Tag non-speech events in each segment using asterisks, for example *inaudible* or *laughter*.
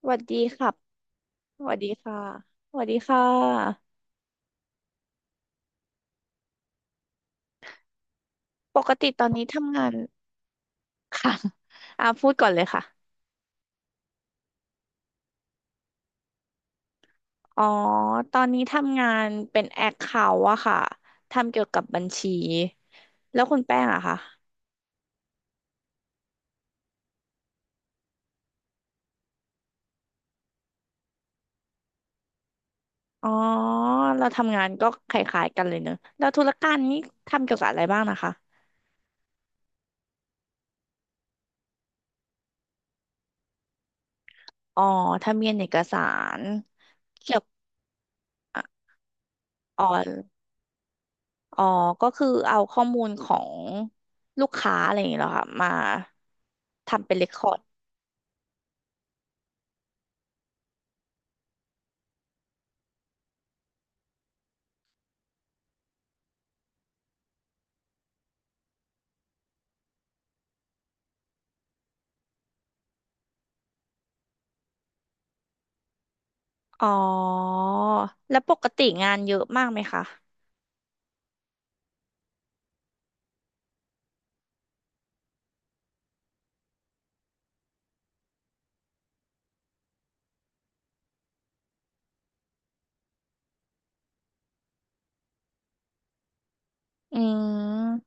สวัสดีครับสวัสดีค่ะสวัสดีค่ะปกติตอนนี้ทำงานค่ะ *laughs* พูดก่อนเลยค่ะอ๋อตอนนี้ทำงานเป็นแอคเคาท์อะค่ะทำเกี่ยวกับบัญชีแล้วคุณแป้งอะค่ะอ๋อเราทำงานก็คล้ายๆกันเลยเนอะแล้วธุรการนี่ทำเกี่ยวกับอะไรบ้างนะคะอ๋อทะเบียนเอกสารเกี่ยวกับอ๋อ อ๋อ ก็คือเอาข้อมูลของลูกค้าอะไรอย่างเงี้ยเหรอค่ะมาทำเป็นเรคคอร์ด อ๋อ แล้วปกติงานเยอะมากไหมคะอืม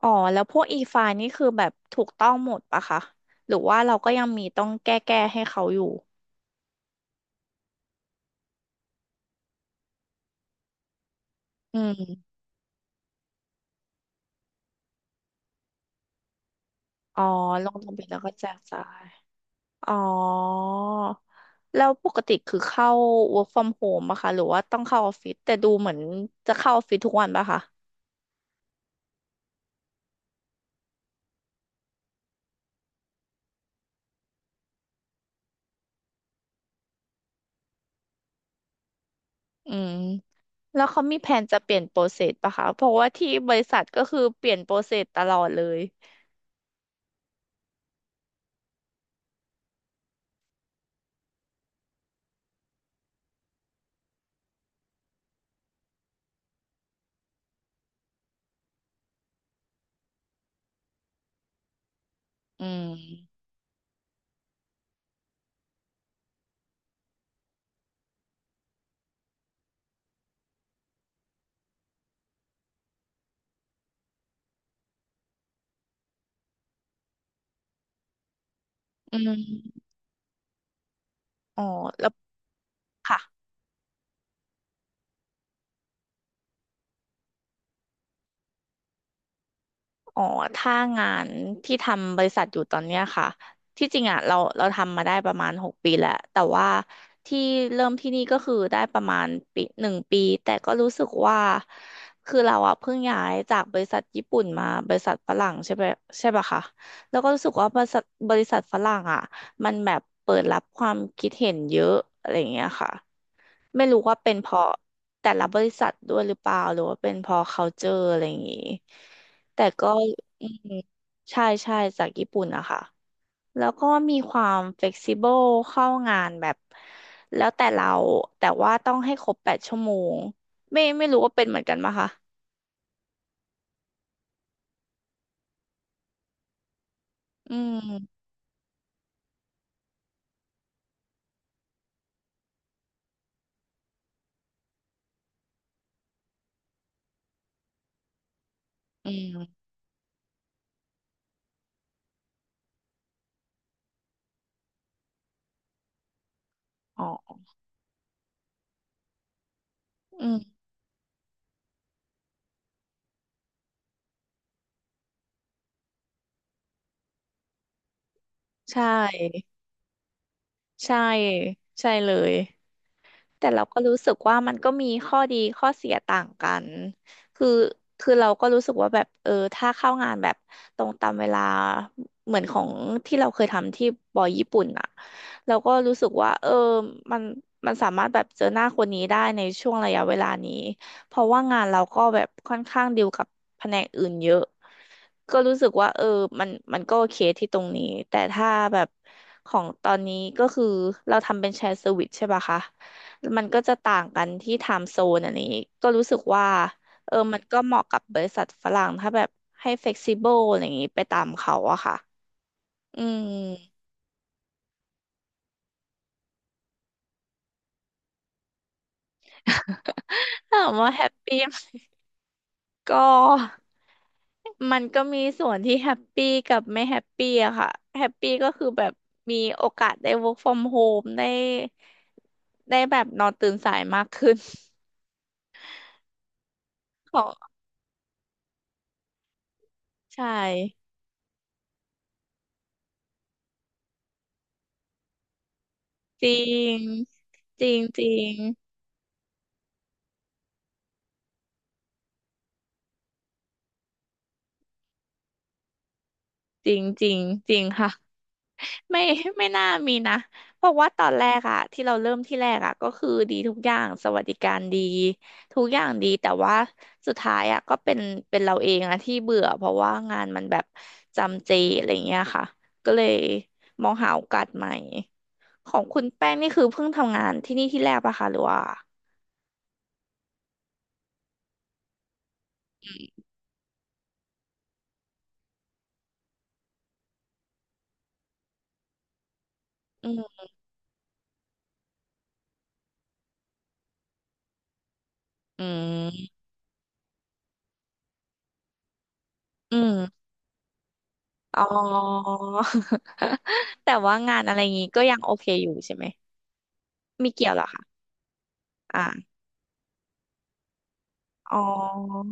อ๋อ แล้วพวกอีไฟล์นี่คือแบบถูกต้องหมดปะคะหรือว่าเราก็ยังมีต้องแก้ให้เขาอยู่อืมอ๋อลงทะเบียนแล้วก็แจกจ่ายอ๋อ แล้วปกติคือเข้า work from home ปะคะหรือว่าต้องเข้าออฟฟิศแต่ดูเหมือนจะเข้าออฟฟิศทุกวันปะคะอืม แล้วเขามีแผนจะเปลี่ยนโปรเซสปะคะ เพราะว่าที่บริษัทก็คือเปลี่ยนโปรเซสตลอดเลย อืม อืม อ๋อ แล้วค่ะ อ๋อถ้างานที่ทำบริษัทอยู่ตอนเนี้ยค่ะ ที่จริงอ่ะเราทำมาได้ประมาณ6 ปีแล้ว แต่ว่าที่เริ่มที่นี่ก็คือได้ประมาณปีหนึ่งปี แต่ก็รู้สึกว่าคือเราอ่ะเพิ่งย้ายจากบริษัทญี่ปุ่นมาบริษัทฝรั่งใช่ไหมใช่ปะคะแล้วก็รู้สึกว่าบริษัทฝรั่งอ่ะมันแบบเปิดรับความคิดเห็นเยอะอะไรอย่างเงี้ยค่ะไม่รู้ว่าเป็นเพราะแต่ละบริษัทด้วยหรือเปล่าหรือว่าเป็นเพราะ culture อะไรอย่างงี้ แต่ก็อืมใช่ใช่จากญี่ปุ่นอะค่ะแล้วก็มีความเฟ e ซิเบิลเข้างานแบบแล้วแต่เราแต่ว่าต้องให้ครบ8 ชั่วโมงไม่รู้ว่าเป็นเหมือนกันปะคะอืมอืมอ๋ออืมใช่ใช่ใช่เลย แต่เราก็รู้สึกว่ามันก็มีข้อดีข้อเสียต่างกันคือคือเราก็รู้สึกว่าแบบเออถ้าเข้างานแบบตรงตามเวลาเหมือนของที่เราเคยทำที่บอยญี่ปุ่นอ่ะเราก็รู้สึกว่าเออมันมันสามารถแบบเจอหน้าคนนี้ได้ในช่วงระยะเวลานี้ เพราะว่างานเราก็แบบค่อนข้างดีลกับแผนกอื่นเยอะก็รู้สึกว่าเออมันก็โอเคที่ตรงนี้ แต่ถ้าแบบของตอนนี้ก็คือเราทำเป็นแชร์เซอร์วิสใช่ปะคะ มันก็จะต่างกันที่ i ท e z โซนอันนี้ก็รู้สึกว่าเออมันก็เหมาะกับบริษัทฝรั่งถ้าแบบให้เฟกซิ b บ e ลอะไรอย่างนี้ไปตามเขาอะค่ะอืม *laughs* ถามว่าแฮปปี้ก็มันก็มีส่วนที่แฮปปี้กับไม่แฮปปี้อะค่ะแฮปปี้ก็คือแบบมีโอกาสได้ work from home ได้ได้แบบนอนตื่นสายมากขึ้น *laughs* ของใช่จริงจริงจริง จริงจริงจริงค่ะไม่ไม่น่ามีนะเพราะว่าตอนแรกอะที่เราเริ่มที่แรกอะก็คือดีทุกอย่างสวัสดิการดีทุกอย่างดีแต่ว่าสุดท้ายอะก็เป็นเป็นเราเองอะที่เบื่อเพราะว่างานมันแบบจำเจอะไรเงี้ยค่ะก็เลยมองหาโอกาสใหม่ของคุณแป้งนี่คือเพิ่งทำงานที่นี่ที่แรกปะคะหรือว่าอืมอืมอืมอ๋อ *laughs* แต่ว่างานอะไรงี้ก็ยังโอเคอยู่ใช่ไหมมีเกี่ยวเหรอคะ อ่ะอ๋อ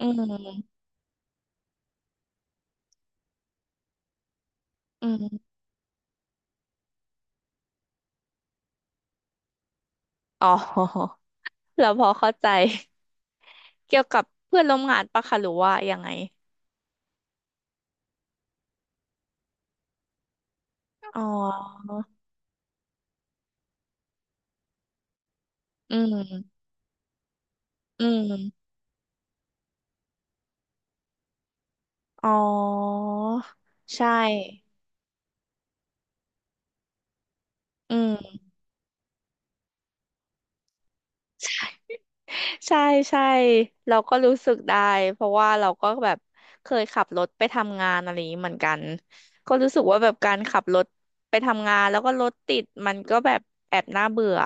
อืมอืมอ๋อ *laughs* แล้วพอเข้าใจเกี่ยวกับเพื่อนร่วมงานปะคะหรือว่ายังไงอ๋ออืมอืมอ๋อใช่อืมใช่ใช่ใช่เราก็รู้สึกได้เพราะว่าเราก็แบบเคยขับรถไปทำงานอะไรอย่างนี้เหมือนกันก็รู้สึกว่าแบบการขับรถไปทำงานแล้วก็รถติดมันก็แบบแอบน่าเบื่อ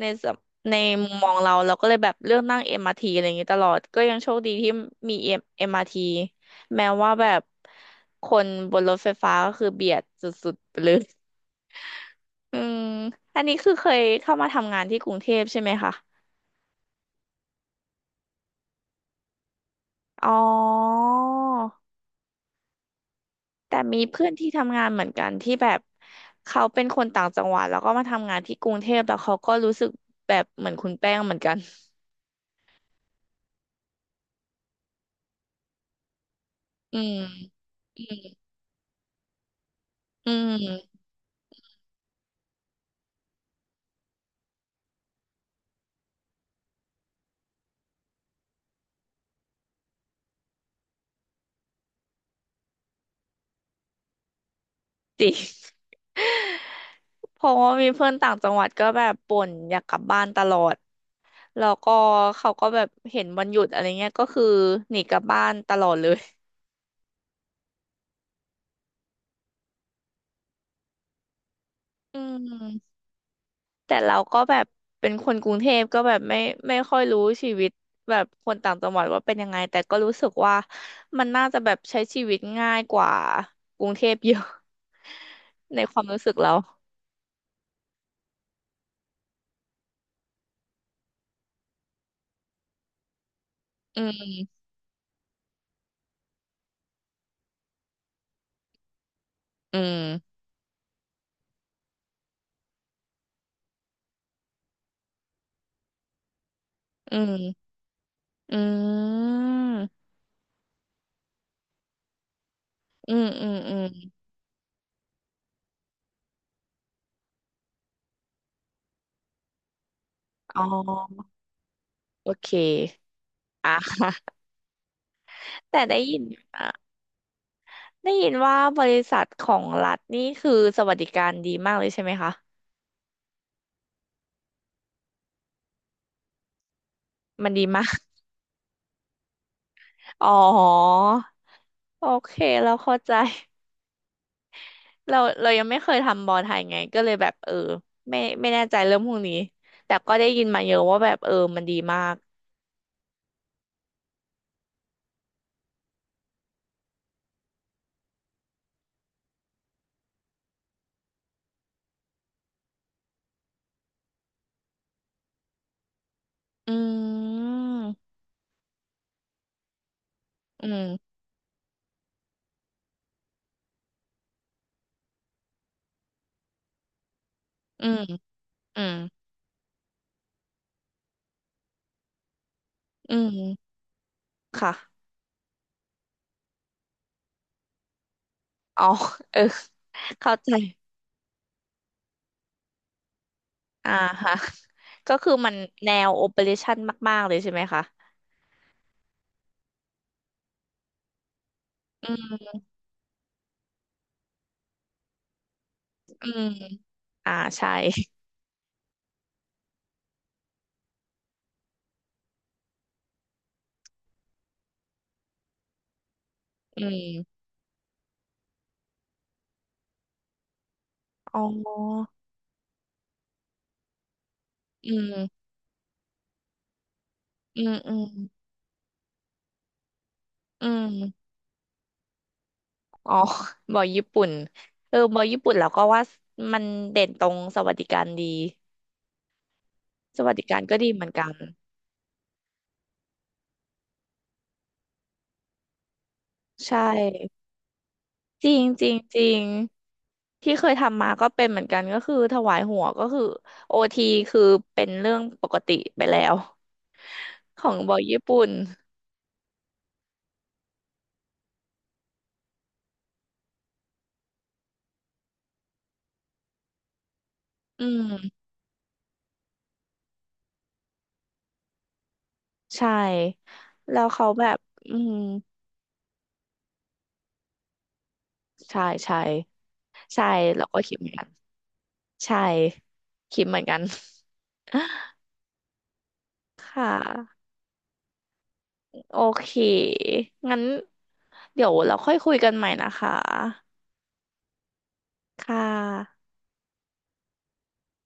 ในสมในมุมมองเราเราก็เลยแบบเลือกนั่งเอ r มอาร์ทีอะไรอย่างนี้ตลอดก็ยังโชคดีที่มี M- ์ท t แม้ว่าแบบคนบนรถไฟฟ้าก็คือเบียดสุดๆไปเลย *laughs* อืมอันนี้คือเคยเข้ามาทำงานที่กรุงเทพใช่ไหมคะอ๋อแต่มีเพื่อนที่ทำงานเหมือนกันที่แบบเขาเป็นคนต่างจังหวัดแล้วก็มาทำงานที่กรุงเทพแล้วเขาก็รู้สึกแบบเหมือนคุณแป้งเหมือนกัน *laughs* อืมอืมอืม จริง *laughs* เพราะว่ามีเพื่อนต่างจังหวัดก็แบบบ่นอยากกลับบ้านตลอดแล้วก็เขาก็แบบเห็นวันหยุดอะไรเงี้ยก็คือหนีกลับบ้านตลอดเลย *laughs* อืมแต่เราก็แบบเป็นคนกรุงเทพก็แบบไม่ค่อยรู้ชีวิตแบบคนต่างจังหวัดว่าเป็นยังไงแต่ก็รู้สึกว่ามันน่าจะแบบใช้ชีวิตง่ายกว่ากรุงเทพเยอะ *laughs* ในความรู้สึกเราอืมอืมอืมอืม อืมอืมอืมอ๋อโอเคอ่ะ *laughs* แต่ได้ยินอ่ะได้ยินว่าบริษัทของรัฐนี่คือสวัสดิการดีมากเลยใช่ไหมคะมันดีมาก *laughs* อ๋อโอเคเราเข้าใจเรายังไม่เคยทำบอลไทยไงก็เลยแบบเออไม่แน่ใจเรื่องพวกนี้แต่ก็ได้ยินมาเยอะว่าแบบเออมันดีมากอืมอืมอืมอืมอืมค่ะอ๋อเออเข้าใจ อ่าฮะ *laughs* ก็คือมันแนวโอเปอเรชั่นมากๆเลยใช่ไหมคะอืมอืมใช่อืมอ๋ออืมอืมอืมอืมอ๋อ *laughs* บอยญี่ปุ่นเออบอยญี่ปุ่นเราก็ว่ามันเด่นตรงสวัสดิการดีสวัสดิการก็ดีเหมือนกันใช่จริงจริงจริงที่เคยทำมาก็เป็นเหมือนกันก็คือถวายหัวก็คือโอทีคือเป็นเรื่องปกติไปแล้วของบอยญี่ปุ่นอืม ใช่ แล้วเขาแบบ อืมใช่ใช่ใช่เราก็คิดเหมือนกัน ใช่ คิดเหมือนกัน ค่ะ โอเค งั้นเดี๋ยวเราค่อยคุยกันใหม่นะคะ ค่ะ